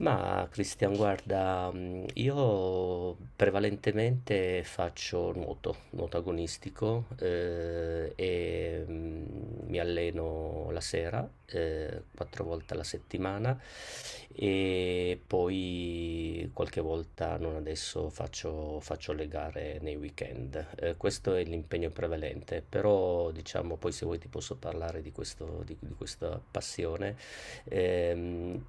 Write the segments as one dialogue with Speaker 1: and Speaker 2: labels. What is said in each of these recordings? Speaker 1: Ma Cristian, guarda, io prevalentemente faccio nuoto, nuoto agonistico e mi alleno la sera, quattro volte alla settimana e poi qualche volta, non adesso, faccio le gare nei weekend. Questo è l'impegno prevalente, però diciamo poi se vuoi ti posso parlare di questa passione. Ehm,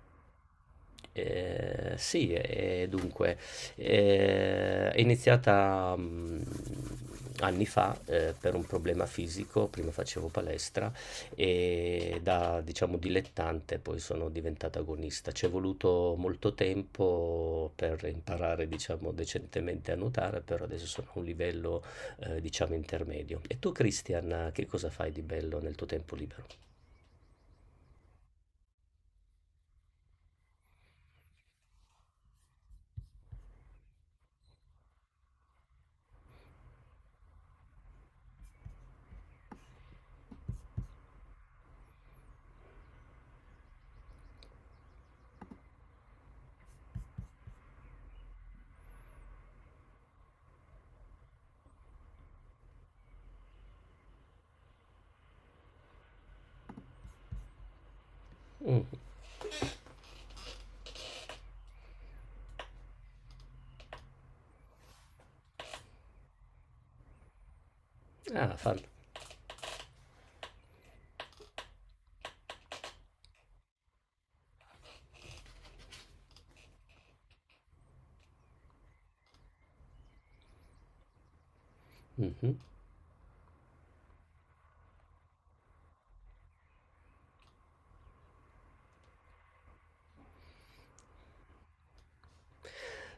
Speaker 1: sì, e dunque, è iniziata anni fa per un problema fisico, prima facevo palestra e da diciamo dilettante poi sono diventata agonista. Ci è voluto molto tempo per imparare diciamo decentemente a nuotare, però adesso sono a un livello diciamo intermedio. E tu, Christian, che cosa fai di bello nel tuo tempo libero? Mm. Ah, fanno.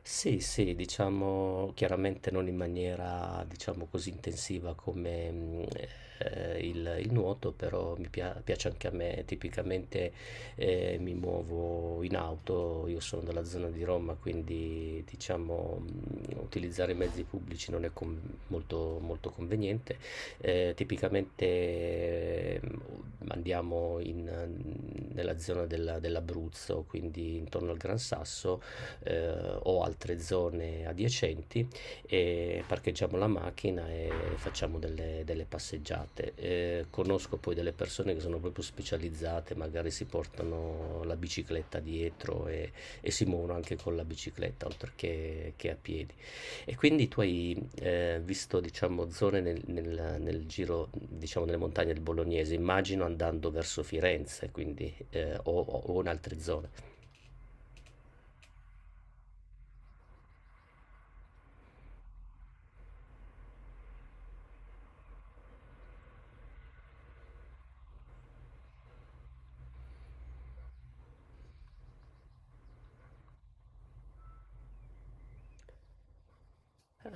Speaker 1: Sì, sì, diciamo chiaramente non in maniera, diciamo così intensiva come il nuoto, però mi piace anche a me. Tipicamente mi muovo in auto, io sono della zona di Roma, quindi diciamo utilizzare i mezzi pubblici non è molto, molto conveniente. Tipicamente andiamo nella dell'Abruzzo, quindi intorno al Gran Sasso o altre zone adiacenti e parcheggiamo la macchina e facciamo delle passeggiate. Conosco poi delle persone che sono proprio specializzate, magari si portano la bicicletta dietro e si muovono anche con la bicicletta oltre che a piedi. E quindi tu hai visto diciamo, zone nel giro, diciamo, nelle montagne del Bolognese, immagino andando verso Firenze, quindi, o in altre zone.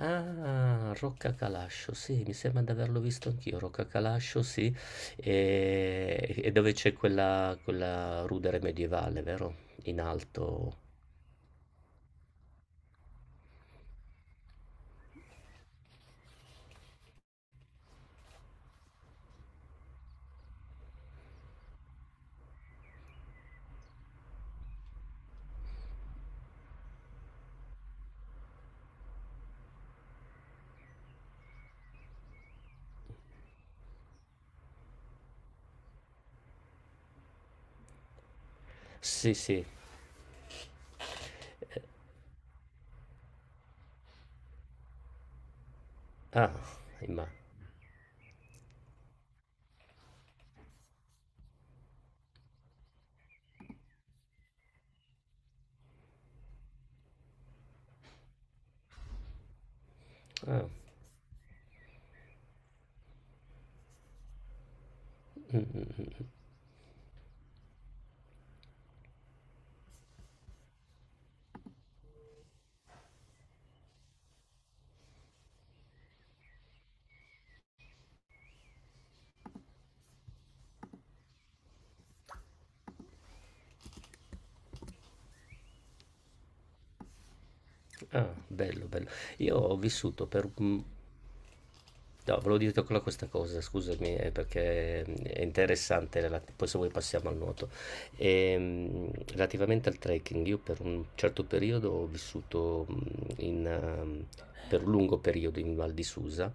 Speaker 1: Ah, Rocca Calascio, sì, mi sembra di averlo visto anch'io, Rocca Calascio, sì, e dove c'è quella rudere medievale, vero? In alto. Sì, sì, ah, ma... Ah. Mm, mm, mm, mm. Ah, bello, bello. Io ho vissuto per un... No, volevo dirti ancora questa cosa, scusami, perché è interessante, poi se vuoi passiamo al nuoto. Relativamente al trekking, io per un certo periodo ho vissuto in, ehm, per un lungo periodo in Val di Susa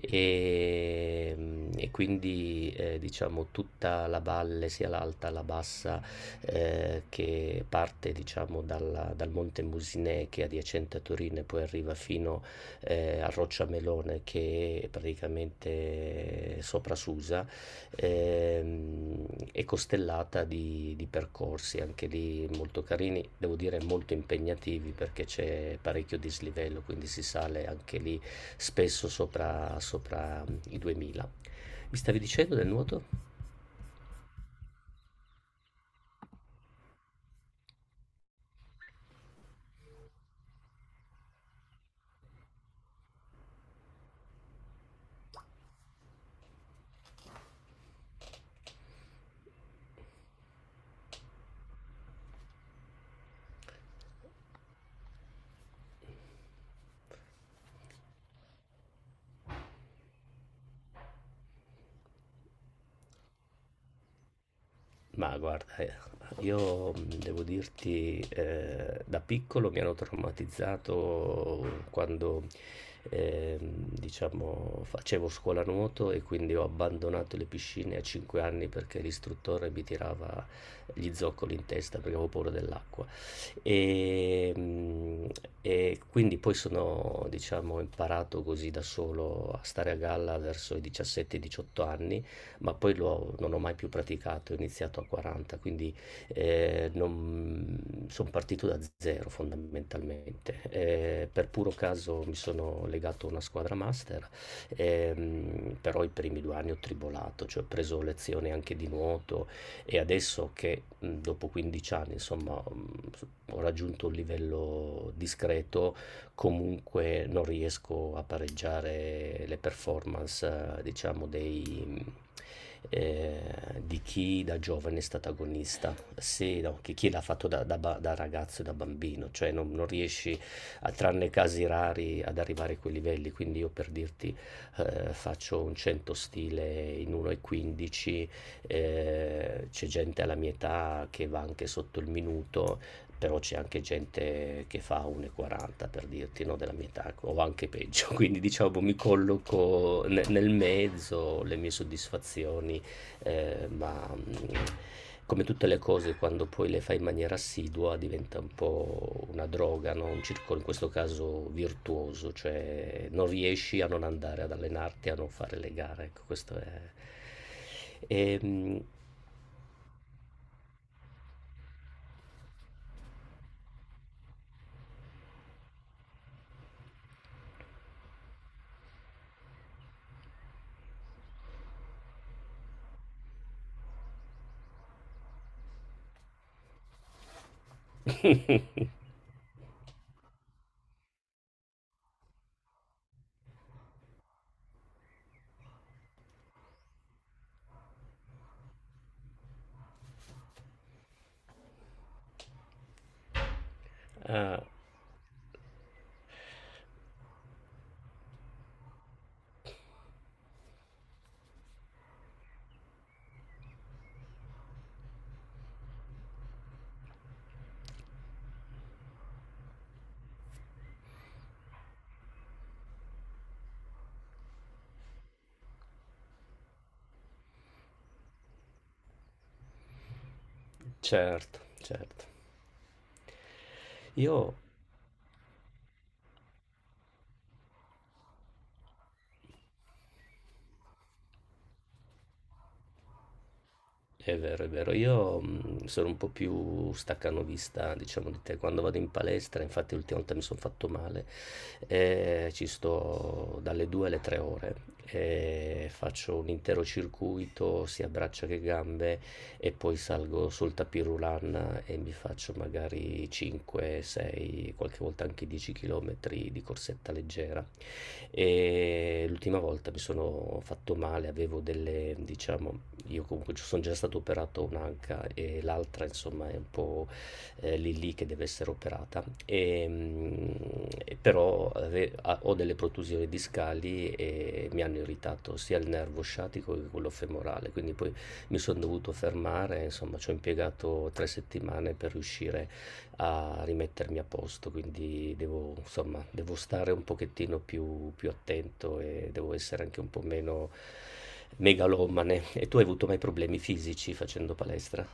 Speaker 1: e, e quindi diciamo tutta la valle, sia l'alta, la bassa, che parte diciamo dal Monte Musinè che è adiacente a Torino e poi arriva fino a Rocciamelone che è praticamente sopra Susa, ehm, è costellata di percorsi anche lì molto carini, devo dire molto impegnativi perché c'è parecchio dislivello, quindi si sale anche lì spesso sopra i 2000. Mi stavi dicendo del nuoto? Ma guarda, io devo dirti, da piccolo mi hanno traumatizzato ehm, diciamo, facevo scuola nuoto e quindi ho abbandonato le piscine a 5 anni perché l'istruttore mi tirava gli zoccoli in testa perché avevo paura dell'acqua. E, mh, e quindi poi sono, diciamo, imparato così da solo a stare a galla verso i 17-18 anni, ma non ho mai più praticato, ho iniziato a 40, quindi non, sono partito da zero fondamentalmente. Per puro caso mi sono legato a una squadra master, però i primi 2 anni ho tribolato, cioè ho preso lezioni anche di nuoto e adesso che dopo 15 anni insomma ho raggiunto un livello discreto, comunque non riesco a pareggiare le performance, diciamo, eh, di chi da giovane è stato agonista, sì, no, chi l'ha fatto da ragazzo e da bambino, cioè non riesci, a, tranne casi rari, ad arrivare a quei livelli. Quindi io per dirti faccio un 100 stile in 1,15, c'è gente alla mia età che va anche sotto il minuto, però c'è anche gente che fa 1,40 per dirti, no, della mia età, o anche peggio, quindi diciamo mi colloco nel mezzo, le mie soddisfazioni, eh, ma mh, come tutte le cose quando poi le fai in maniera assidua diventa un po' una droga, no? Un circolo in questo caso virtuoso, cioè non riesci a non andare ad allenarti, a non fare le gare, ecco, questo è... E, mh, ah, certo, certo. Io... È vero, è vero. Io sono un po' più staccanovista, diciamo, di te. Quando vado in palestra, infatti l'ultima volta mi sono fatto male, ci sto dalle 2 alle 3 ore, faccio un intero circuito, sia braccia che gambe, e poi salgo sul tapis roulant e mi faccio magari 5, 6, qualche volta anche 10 km di corsetta leggera. E l'ultima volta mi sono fatto male, avevo diciamo, io comunque sono già stato operato un'anca e l'altra insomma è un po' lì lì che deve essere operata. Però ho delle protusioni discali e mi hanno irritato sia il nervo sciatico che quello femorale, quindi poi mi sono dovuto fermare, insomma ci ho impiegato 3 settimane per riuscire a rimettermi a posto, quindi devo, insomma, devo stare un pochettino più attento e devo essere anche un po' meno megalomane. E tu hai avuto mai problemi fisici facendo palestra?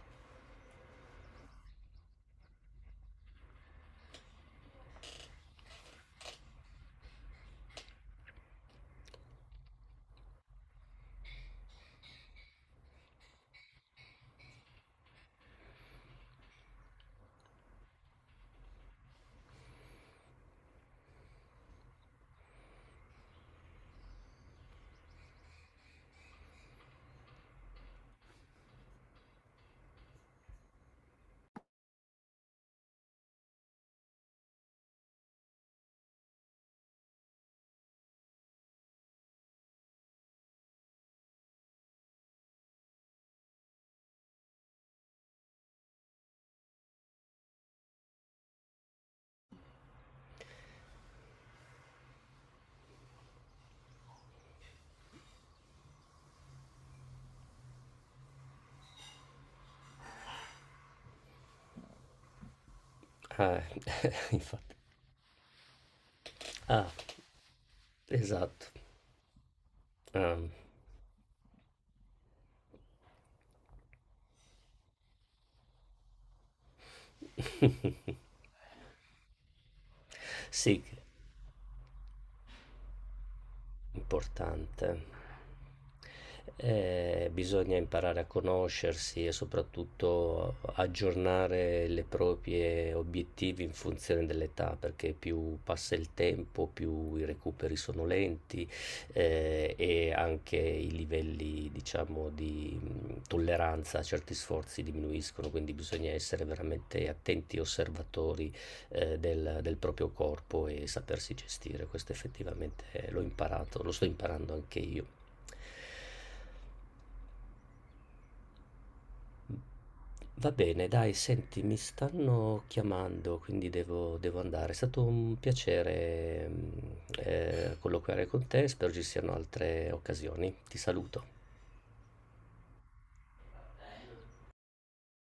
Speaker 1: Ah, infatti. Ah, esatto. Ah. Sì. Importante. Bisogna imparare a conoscersi e soprattutto aggiornare le proprie obiettivi in funzione dell'età, perché più passa il tempo, più i recuperi sono lenti, e anche i livelli, diciamo, di tolleranza a certi sforzi diminuiscono, quindi bisogna essere veramente attenti osservatori del, del proprio corpo e sapersi gestire. Questo effettivamente l'ho imparato, lo sto imparando anche io. Va bene, dai, senti, mi stanno chiamando, quindi devo andare. È stato un piacere colloquiare con te, spero ci siano altre occasioni. Ti saluto.